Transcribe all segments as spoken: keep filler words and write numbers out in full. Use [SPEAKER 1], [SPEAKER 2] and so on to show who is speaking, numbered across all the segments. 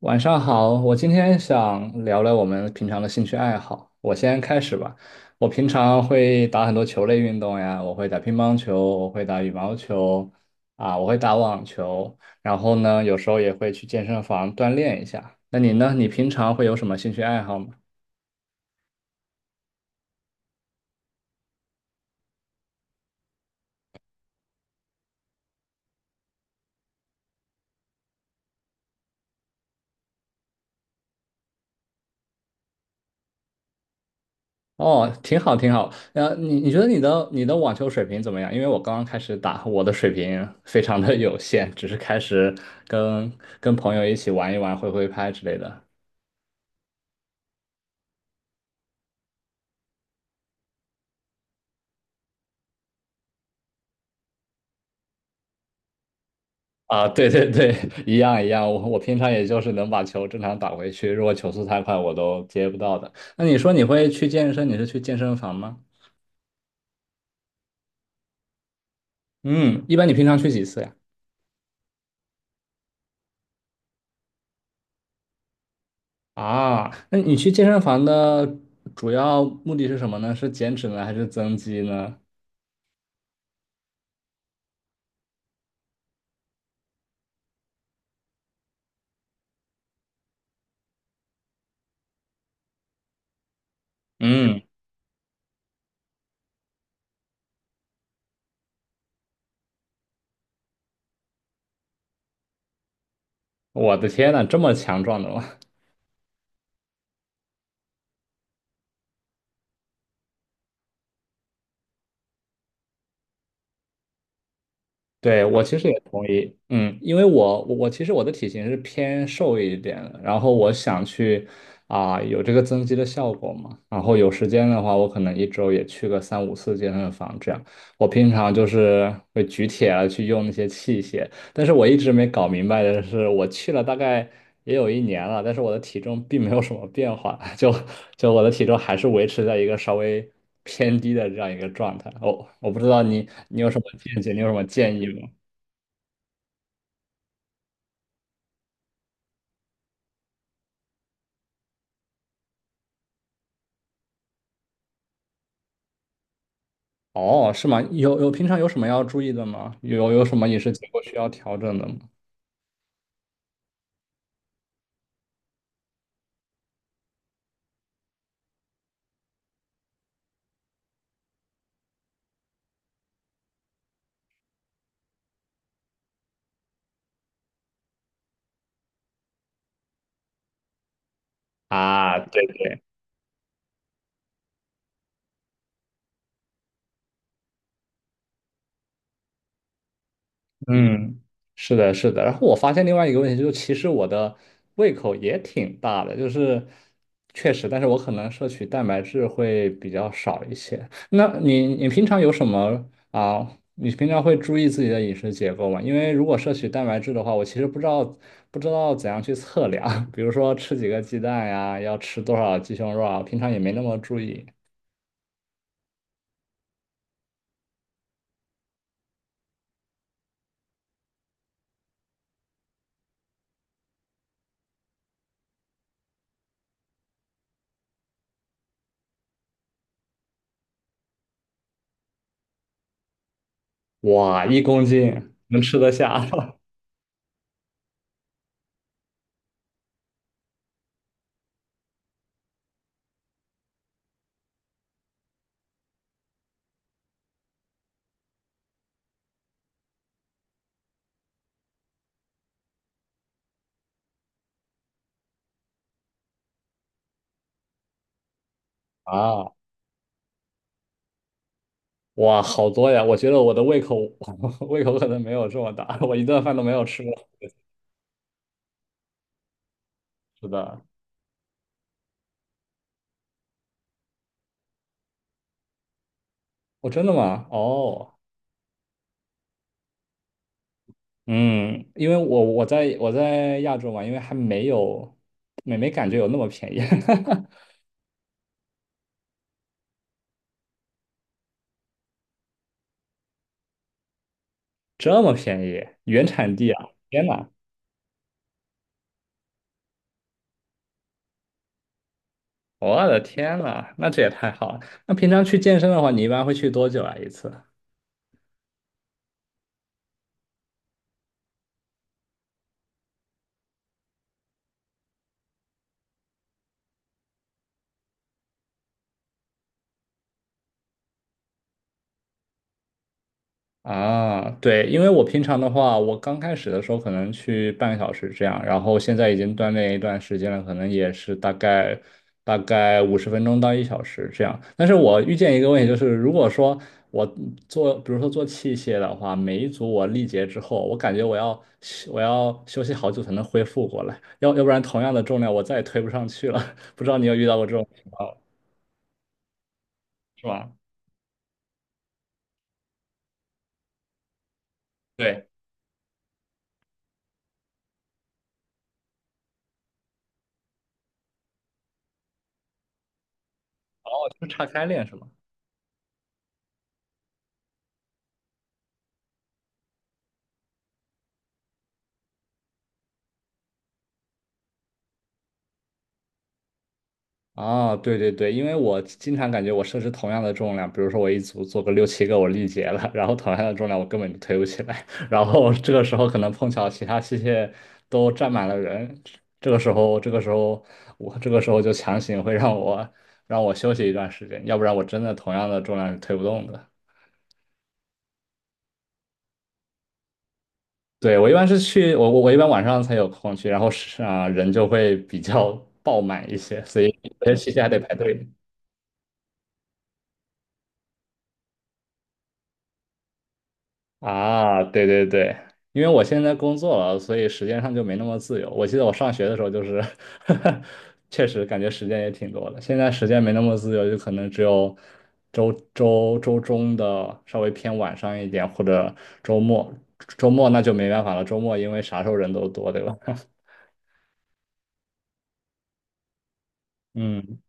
[SPEAKER 1] 晚上好，我今天想聊聊我们平常的兴趣爱好。我先开始吧。我平常会打很多球类运动呀，我会打乒乓球，我会打羽毛球，啊，我会打网球。然后呢，有时候也会去健身房锻炼一下。那你呢？你平常会有什么兴趣爱好吗？哦，挺好，挺好。呃，你你觉得你的你的网球水平怎么样？因为我刚刚开始打，我的水平 非常的有限，只是开始跟跟朋友一起玩一玩，挥挥拍之类的。啊，对对对，一样一样。我我平常也就是能把球正常打回去，如果球速太快，我都接不到的。那你说你会去健身？你是去健身房吗？嗯，一般你平常去几次呀？啊，那你去健身房的主要目的是什么呢？是减脂呢，还是增肌呢？嗯，我的天呐，这么强壮的吗？对，我其实也同意，嗯，因为我我我其实我的体型是偏瘦一点的，然后我想去啊、有这个增肌的效果嘛，然后有时间的话，我可能一周也去个三五次健身房这样。我平常就是会举铁啊，去用那些器械，但是我一直没搞明白的是，我去了大概也有一年了，但是我的体重并没有什么变化，就就我的体重还是维持在一个稍微偏低的这样一个状态。哦，我不知道你你有什么见解，你有什么建议吗？哦，是吗？有有平常有什么要注意的吗？有有什么饮食结构需要调整的吗？啊，对对，嗯，是的，是的。然后我发现另外一个问题就是，其实我的胃口也挺大的，就是确实，但是我可能摄取蛋白质会比较少一些。那你你平常有什么啊？你平常会注意自己的饮食结构吗？因为如果摄取蛋白质的话，我其实不知道不知道怎样去测量，比如说吃几个鸡蛋呀，要吃多少鸡胸肉啊，平常也没那么注意。哇，一公斤能吃得下 啊？哇，好多呀！我觉得我的胃口 胃口可能没有这么大，我一顿饭都没有吃过是的。哦，真的吗？哦，嗯，因为我我在我在亚洲嘛，因为还没有没没感觉有那么便宜，这么便宜，原产地啊！天呐，我的天呐，那这也太好了。那平常去健身的话，你一般会去多久啊一次？啊，对，因为我平常的话，我刚开始的时候可能去半个小时这样，然后现在已经锻炼一段时间了，可能也是大概大概五十分钟到一小时这样。但是我遇见一个问题，就是如果说我做，比如说做器械的话，每一组我力竭之后，我感觉我要我要休息好久才能恢复过来，要要不然同样的重量我再也推不上去了。不知道你有遇到过这种情况。是吧？对，哦，就是岔开练是吗？啊，对对对，因为我经常感觉我设置同样的重量，比如说我一组做个六七个，我力竭了，然后同样的重量我根本就推不起来，然后这个时候可能碰巧其他器械都站满了人，这个时候这个时候我这个时候就强行会让我让我休息一段时间，要不然我真的同样的重量是推不动的。对，我一般是去我我我一般晚上才有空去，然后是啊人就会比较爆满一些，所以有些器械还得排队。啊，对对对，因为我现在工作了，所以时间上就没那么自由。我记得我上学的时候就是 确实感觉时间也挺多的。现在时间没那么自由，就可能只有周周周中的稍微偏晚上一点，或者周末。周末那就没办法了，周末因为啥时候人都多，对吧？嗯，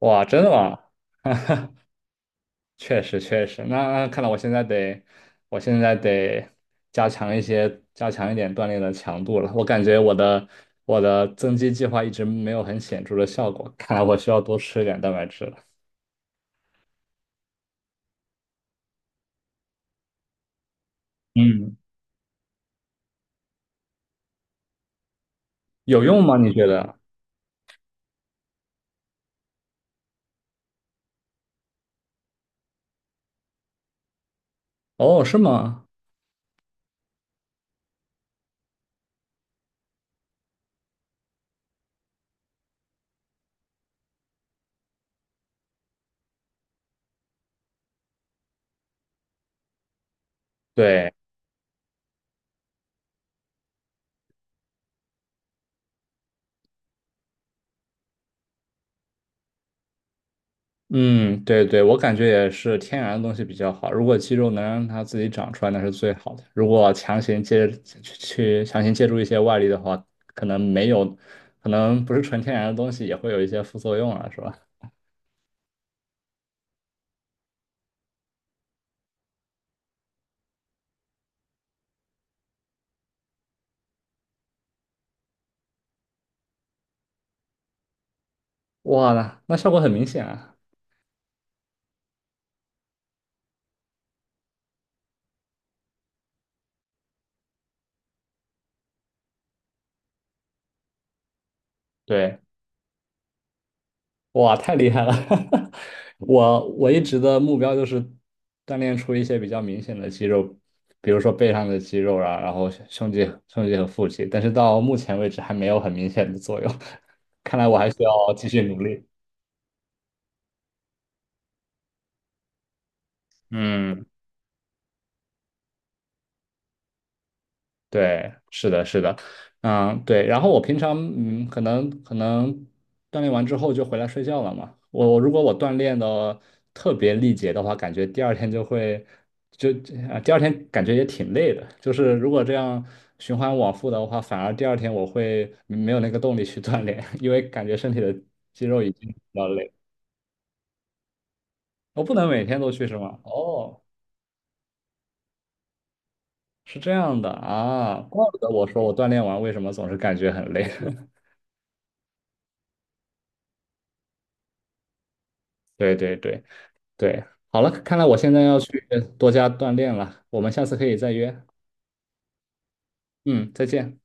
[SPEAKER 1] 哇，真的吗？确实确实，那那看来我现在得，我现在得加强一些，加强一点锻炼的强度了。我感觉我的我的增肌计划一直没有很显著的效果，看来我需要多吃一点蛋白质了。嗯，有用吗？你觉得？哦，是吗？对。嗯，对对，我感觉也是天然的东西比较好。如果肌肉能让它自己长出来，那是最好的。如果强行借去去强行借助一些外力的话，可能没有，可能不是纯天然的东西也会有一些副作用啊，是吧？哇，那那效果很明显啊。对。哇，太厉害了！我我一直的目标就是锻炼出一些比较明显的肌肉，比如说背上的肌肉啊，然后胸肌、胸肌和腹肌，但是到目前为止还没有很明显的作用，看来我还需要继续努力。嗯。对，是的，是的，嗯，对。然后我平常，嗯，可能可能锻炼完之后就回来睡觉了嘛。我我如果我锻炼的特别力竭的话，感觉第二天就会就啊，第二天感觉也挺累的。就是如果这样循环往复的话，反而第二天我会嗯没有那个动力去锻炼，因为感觉身体的肌肉已经比较累。我不能每天都去是吗？哦，是这样的啊，怪不得我说我锻炼完为什么总是感觉很累。对对对。对，好了，看来我现在要去多加锻炼了，我们下次可以再约。嗯，再见。